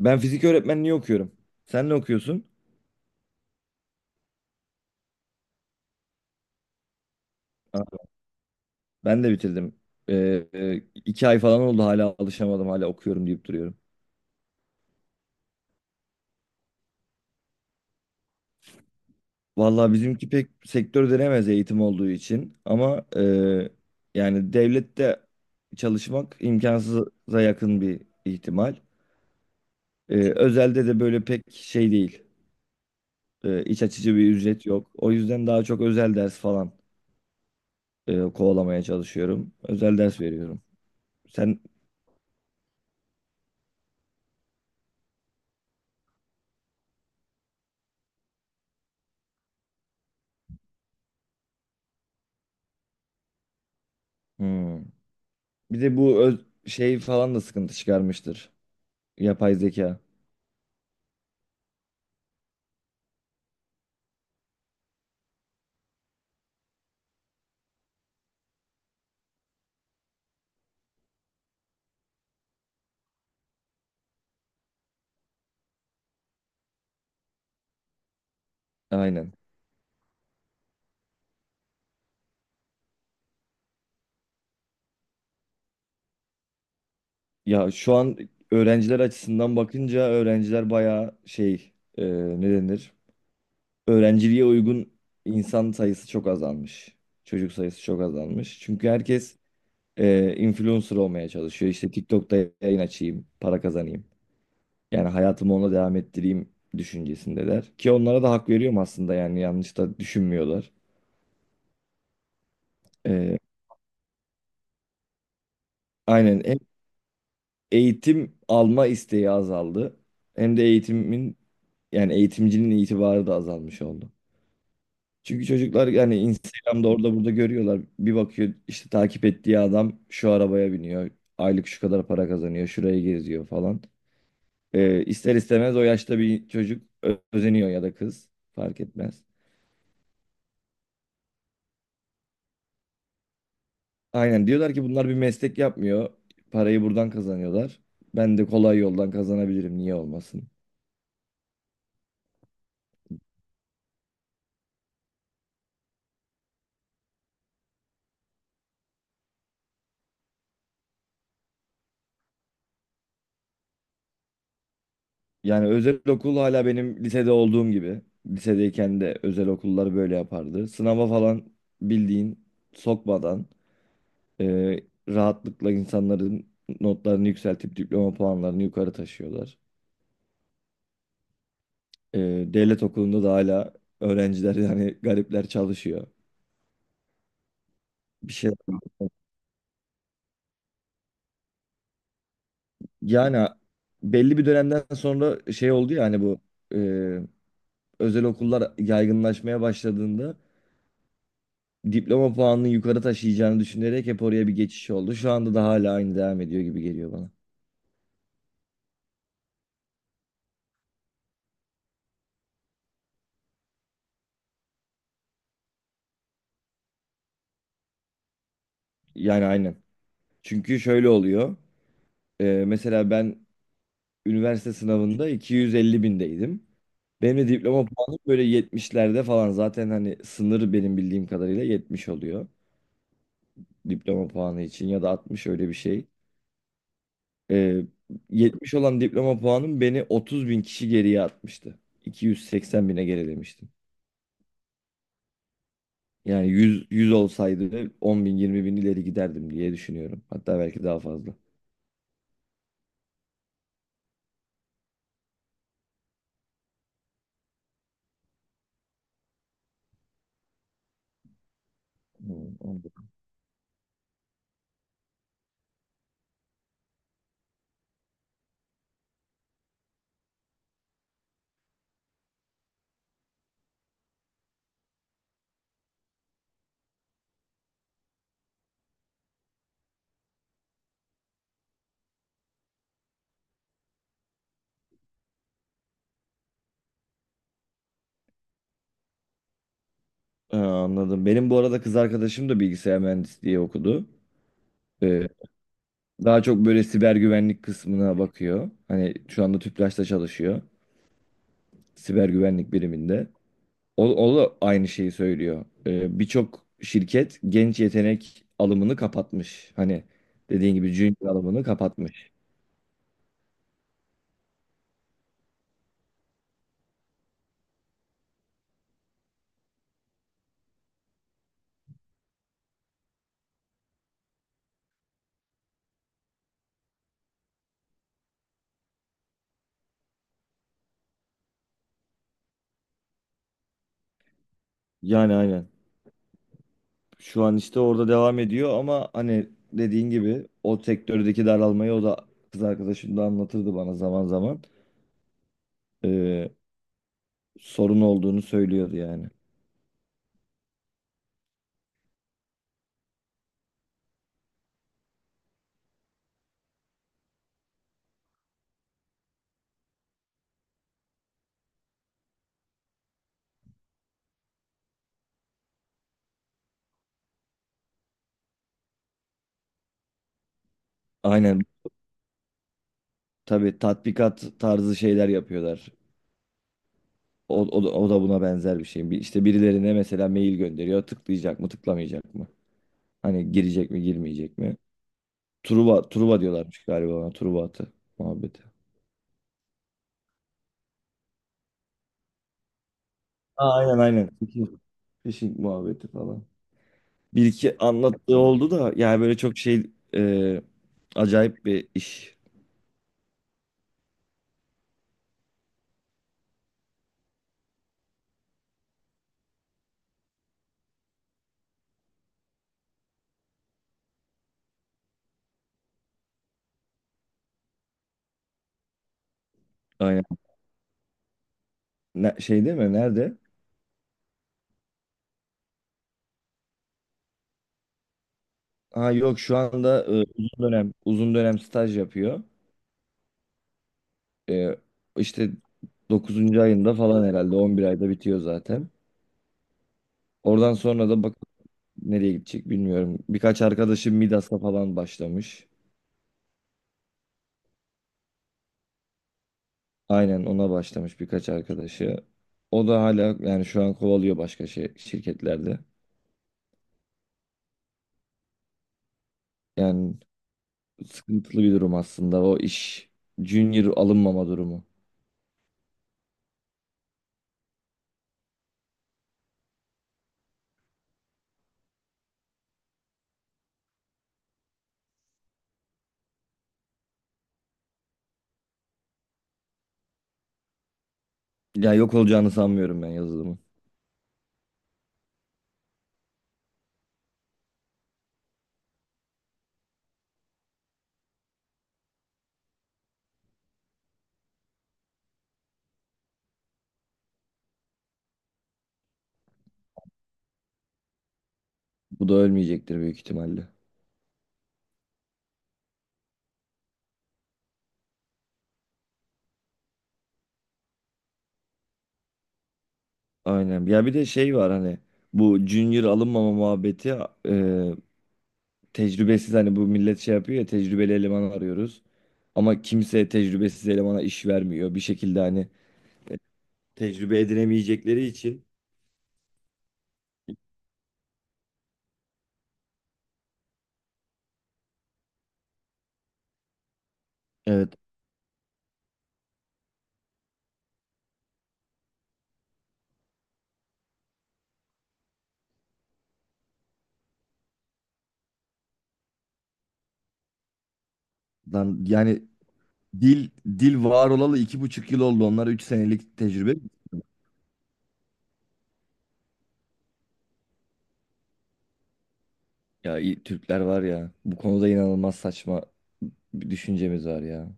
Ben fizik öğretmenliği okuyorum. Sen ne okuyorsun? Ha, ben de bitirdim. Ee, 2 ay falan oldu, hala alışamadım, hala okuyorum deyip duruyorum. Vallahi bizimki pek sektör denemez, eğitim olduğu için, ama yani devlette çalışmak imkansıza yakın bir ihtimal. Özelde de böyle pek şey değil. İç açıcı bir ücret yok. O yüzden daha çok özel ders falan kovalamaya çalışıyorum. Özel ders veriyorum. Sen... Hmm. Bir de bu şey falan da sıkıntı çıkarmıştır. Yapay zeka. Aynen. Ya şu an öğrenciler açısından bakınca öğrenciler bayağı şey, e, ne denir? Öğrenciliğe uygun insan sayısı çok azalmış. Çocuk sayısı çok azalmış. Çünkü herkes influencer olmaya çalışıyor. İşte TikTok'ta yayın açayım, para kazanayım. Yani hayatımı ona devam ettireyim düşüncesindeler. Ki onlara da hak veriyorum aslında, yani yanlış da düşünmüyorlar. E, Aynen. Eğitim alma isteği azaldı. Hem de eğitimin, yani eğitimcinin itibarı da azalmış oldu. Çünkü çocuklar, yani Instagram'da orada burada görüyorlar. Bir bakıyor işte takip ettiği adam şu arabaya biniyor. Aylık şu kadar para kazanıyor. Şuraya geziyor falan. İster istemez o yaşta bir çocuk özeniyor, ya da kız fark etmez. Aynen, diyorlar ki bunlar bir meslek yapmıyor. Parayı buradan kazanıyorlar. Ben de kolay yoldan kazanabilirim, niye olmasın? Yani özel okul hala benim lisede olduğum gibi. Lisedeyken de özel okullar böyle yapardı. Sınava falan bildiğin sokmadan, e, rahatlıkla insanların notlarını yükseltip diploma puanlarını yukarı taşıyorlar. E, Devlet okulunda da hala öğrenciler, yani garipler çalışıyor. Bir şey, yani belli bir dönemden sonra şey oldu ya, hani bu e, özel okullar yaygınlaşmaya başladığında diploma puanını yukarı taşıyacağını düşünerek hep oraya bir geçiş oldu. Şu anda da hala aynı devam ediyor gibi geliyor bana. Yani aynen. Çünkü şöyle oluyor. Mesela ben üniversite sınavında 250 bindeydim. Benim de diploma puanım böyle 70'lerde falan. Zaten hani sınır benim bildiğim kadarıyla 70 oluyor. Diploma puanı için, ya da 60, öyle bir şey. Ee, 70 olan diploma puanım beni 30 bin kişi geriye atmıştı. 280 bine gerilemiştim. Yani 100 100 olsaydı 10 bin 20 bin ileri giderdim diye düşünüyorum. Hatta belki daha fazla. Hmm, anladım. Ha, anladım. Benim bu arada kız arkadaşım da bilgisayar mühendisliği okudu. Ee, Daha çok böyle siber güvenlik kısmına bakıyor. Hani şu anda TÜPRAŞ'ta çalışıyor. Siber güvenlik biriminde. O da aynı şeyi söylüyor. Birçok şirket genç yetenek alımını kapatmış. Hani dediğin gibi junior alımını kapatmış. Yani aynen. Şu an işte orada devam ediyor, ama hani dediğin gibi o sektördeki daralmayı o da, kız arkadaşım da anlatırdı bana zaman zaman. Ee, Sorun olduğunu söylüyordu yani. Aynen, tabii tatbikat tarzı şeyler yapıyorlar. O da buna benzer bir şey. İşte birilerine mesela mail gönderiyor. Tıklayacak mı, tıklamayacak mı? Hani girecek mi, girmeyecek mi? Truva diyorlarmış galiba ona. Truva atı muhabbeti. Aa, aynen aynen. Phishing muhabbeti falan. Bir iki anlattığı oldu da, yani böyle çok şey acayip bir iş. Aynen. Şey değil mi? Nerede? Ha, yok, şu anda uzun dönem staj yapıyor. E, işte 9. ayında falan herhalde 11 ayda bitiyor zaten. Oradan sonra da bak nereye gidecek bilmiyorum. Birkaç arkadaşım Midas'la falan başlamış. Aynen, ona başlamış birkaç arkadaşı. O da hala, yani şu an kovalıyor başka şey, şirketlerde. Yani sıkıntılı bir durum aslında o iş. Junior alınmama durumu. Ya yok olacağını sanmıyorum ben yazılımın. Bu da ölmeyecektir büyük ihtimalle. Aynen. Ya bir de şey var hani bu junior alınmama muhabbeti, e, tecrübesiz, hani bu millet şey yapıyor ya, tecrübeli eleman arıyoruz. Ama kimse tecrübesiz elemana iş vermiyor. Bir şekilde hani tecrübe edinemeyecekleri için. Evet lan yani dil dil var olalı 2,5 yıl oldu. Onlar 3 senelik tecrübe. Ya Türkler var ya, bu konuda inanılmaz saçma bir düşüncemiz var ya.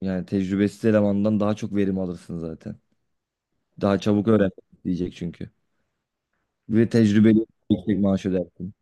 Yani tecrübesiz elemandan daha çok verim alırsın zaten. Daha çabuk öğren diyecek çünkü. Ve tecrübeli yüksek maaş ödersin.